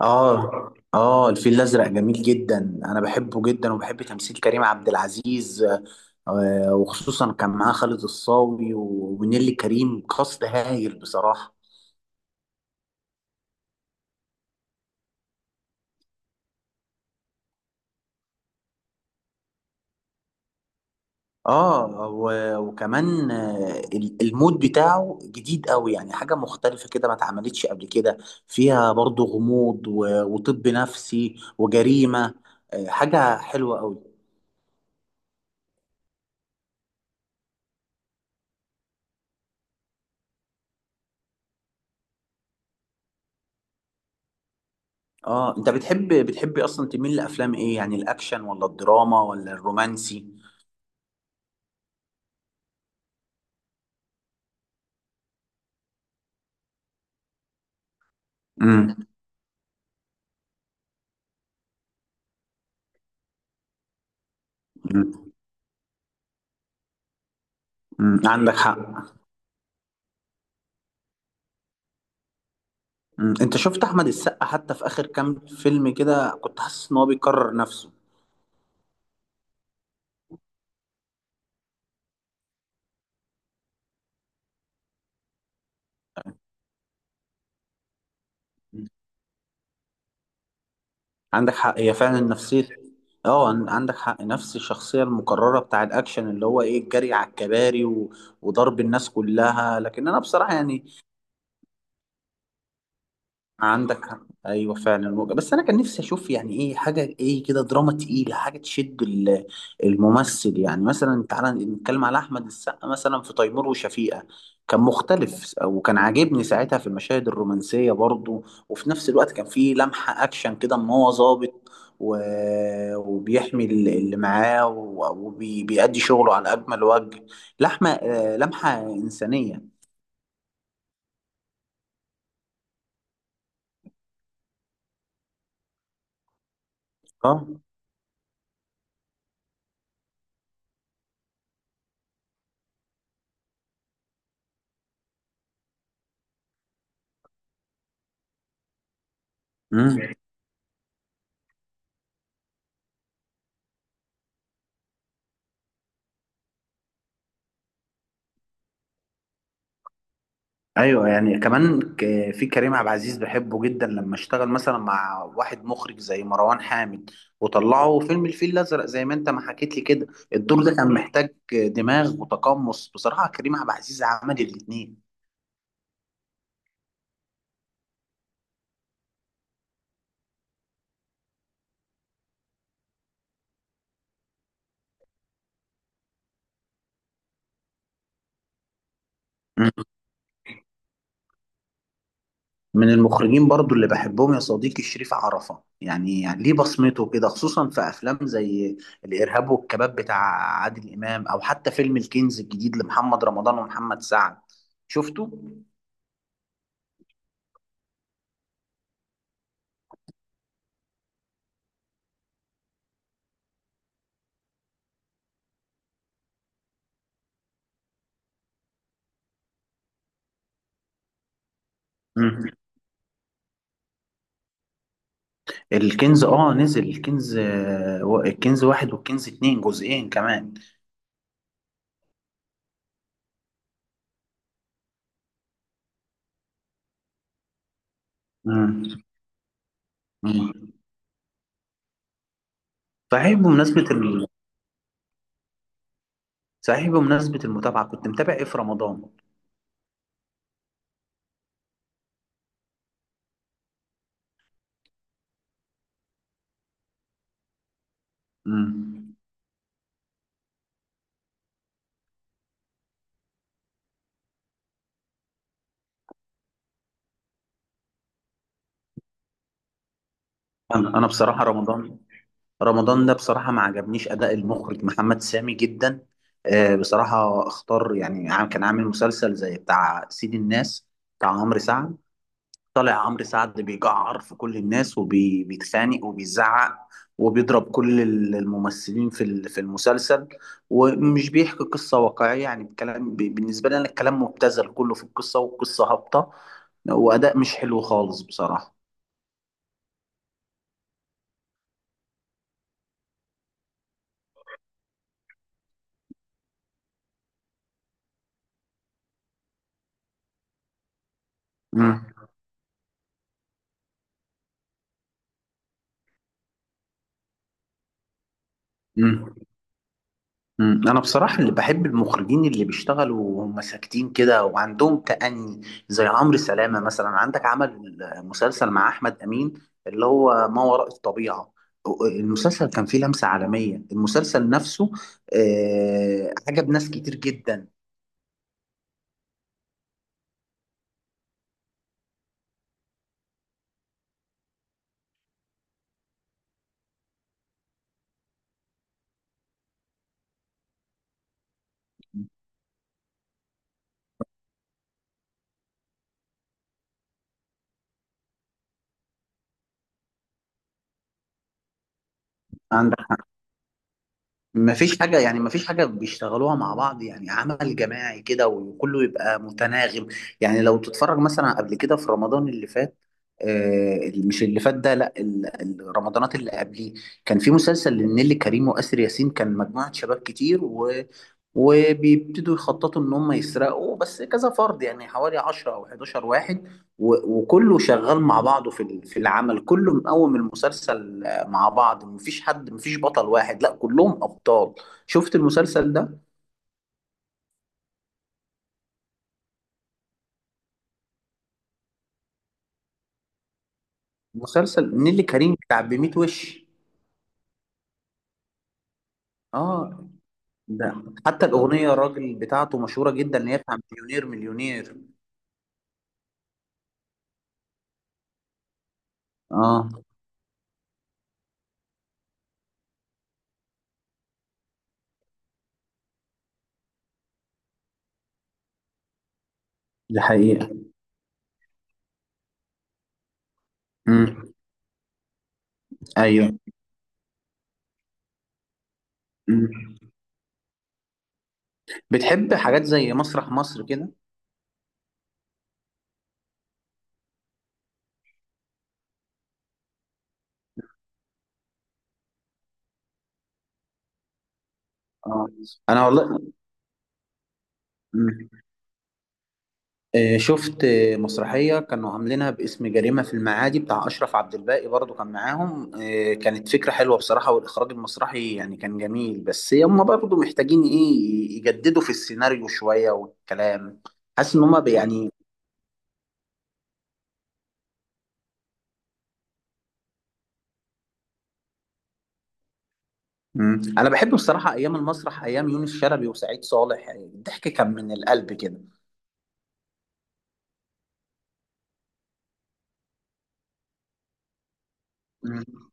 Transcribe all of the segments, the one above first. اه، اه، الفيل الازرق جميل جدا. انا بحبه جدا وبحب تمثيل كريم عبد العزيز. وخصوصا كان معاه خالد الصاوي ونيلي كريم، كاست هايل بصراحه. اه، وكمان المود بتاعه جديد قوي، يعني حاجه مختلفه كده ما اتعملتش قبل كده. فيها برضو غموض وطب نفسي وجريمه. حاجه حلوه قوي. اه، انت بتحب اصلا تميل لافلام ايه؟ يعني الاكشن ولا الدراما ولا الرومانسي؟ امم. أمم. أمم، عندك حق. انت شفت احمد السقا حتى في اخر كام فيلم كده كنت حاسس ان هو بيكرر نفسه؟ مم. عندك حق، هي فعلا نفسية. اه، عندك حق، نفس الشخصية المكررة بتاع الأكشن، اللي هو إيه، الجري على الكباري وضرب الناس كلها. لكن أنا بصراحة، يعني عندك حق. ايوه فعلا وجه. بس انا كان نفسي اشوف، يعني ايه، حاجه ايه كده، دراما تقيله، حاجه تشد الممثل. يعني مثلا تعالى نتكلم على احمد السقا مثلا في تيمور وشفيقه، كان مختلف وكان عاجبني ساعتها في المشاهد الرومانسيه برضو، وفي نفس الوقت كان فيه لمحه اكشن كده، ان هو ظابط و... وبيحمي اللي معاه وبيأدي شغله على اجمل وجه. لحمه، لمحه انسانيه. اه. مم. ايوه يعني كمان، في كريم عبد العزيز بحبه جدا لما اشتغل مثلا مع واحد مخرج زي مروان حامد، وطلعوا فيلم الفيل الازرق زي ما انت ما حكيت لي كده. الدور ده كان محتاج دماغ وتقمص، بصراحه كريم عبد العزيز عمل الاثنين. مم. من المخرجين برضو اللي بحبهم يا صديقي شريف عرفة، يعني, يعني ليه بصمته كده، خصوصا في افلام زي الارهاب والكباب بتاع عادل امام، او حتى فيلم الكنز الجديد لمحمد رمضان ومحمد سعد. شفته؟ مم. الكنز اه نزل الكنز، الكنز واحد والكنز اتنين جزئين كمان. مم. مم. صحيح بمناسبة صحيح بمناسبة المتابعة كنت متابع ايه في رمضان؟ مم. انا بصراحة رمضان، رمضان ده بصراحة ما عجبنيش اداء المخرج محمد سامي جدا. بصراحة اختار، يعني كان عامل مسلسل زي بتاع سيد الناس بتاع عمرو سعد. طالع عمرو سعد بيجعر في كل الناس وبيتخانق وبيزعق وبيضرب كل الممثلين في في المسلسل، ومش بيحكي قصة واقعية. يعني الكلام، بالنسبة لي أنا، الكلام مبتذل كله في القصة، والقصة هابطة وأداء مش حلو خالص بصراحة. مم. مم. مم. انا بصراحه اللي بحب المخرجين اللي بيشتغلوا وهم ساكتين كده وعندهم تأني، زي عمرو سلامه مثلا. عندك عمل مسلسل مع احمد امين، اللي هو ما وراء الطبيعه. المسلسل كان فيه لمسه عالميه، المسلسل نفسه، عجب ناس كتير جدا. عندك مفيش حاجة، يعني مفيش حاجة بيشتغلوها مع بعض، يعني عمل جماعي كده وكله يبقى متناغم. يعني لو تتفرج مثلا قبل كده في رمضان اللي فات، آه مش اللي فات ده لا، الرمضانات اللي قبليه، كان في مسلسل لنيلي كريم وآسر ياسين، كان مجموعة شباب كتير وبيبتدوا يخططوا ان هم يسرقوا، بس كذا فرد، يعني حوالي 10 او 11 واحد، وكله شغال مع بعضه في في العمل كله، مقوم المسلسل، مع بعض، مفيش حد، مفيش بطل واحد، لا كلهم ابطال. شفت المسلسل ده؟ مسلسل نيلي كريم بتاع بميت وش. اه، ده حتى الاغنيه الراجل بتاعته مشهوره جدا، اللي هي بتاع مليونير مليونير. اه، دي حقيقه. امم. ايوه. امم. بتحب حاجات زي مسرح مصر كده؟ اه. انا والله. مم. شفت مسرحية كانوا عاملينها باسم جريمة في المعادي بتاع أشرف عبد الباقي، برضو كان معاهم. كانت فكرة حلوة بصراحة، والإخراج المسرحي يعني كان جميل، بس هم برضو محتاجين إيه يجددوا في السيناريو شوية والكلام. حاسس إن هم يعني. مم. أنا بحب بصراحة أيام المسرح، أيام يونس شلبي وسعيد صالح، يعني الضحك كان من القلب كده. مم.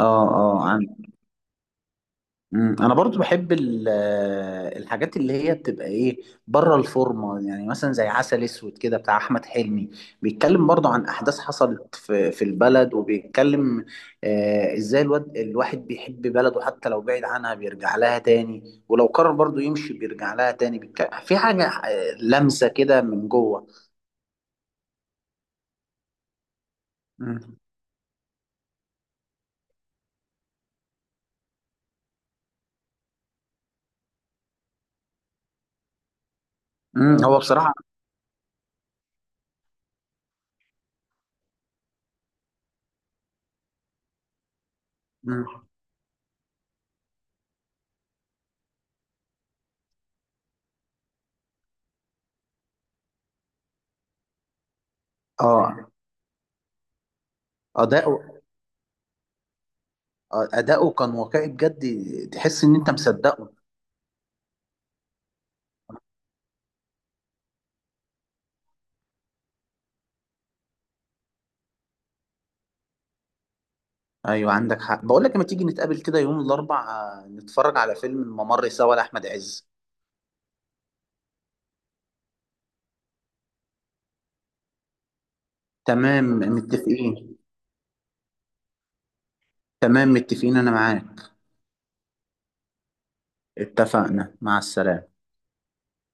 آه، آه. مم. انا برضو بحب الحاجات اللي هي بتبقى ايه بره الفورمه. يعني مثلا زي عسل اسود كده بتاع احمد حلمي، بيتكلم برضو عن احداث حصلت في في البلد، وبيتكلم آه ازاي الواد الواحد بيحب بلده حتى لو بعيد عنها بيرجع لها تاني، ولو قرر برضو يمشي بيرجع لها تاني. في حاجه، لمسه كده من جوه. مم. مم. هو بصراحه. مم. اه، اداؤه، اداؤه كان واقعي بجد، تحس ان انت مصدقه. ايوه عندك حق، بقول لك لما تيجي نتقابل كده يوم الاربع، نتفرج على فيلم الممر سوا لاحمد عز. تمام متفقين. تمام متفقين، انا معاك. اتفقنا، مع السلامه.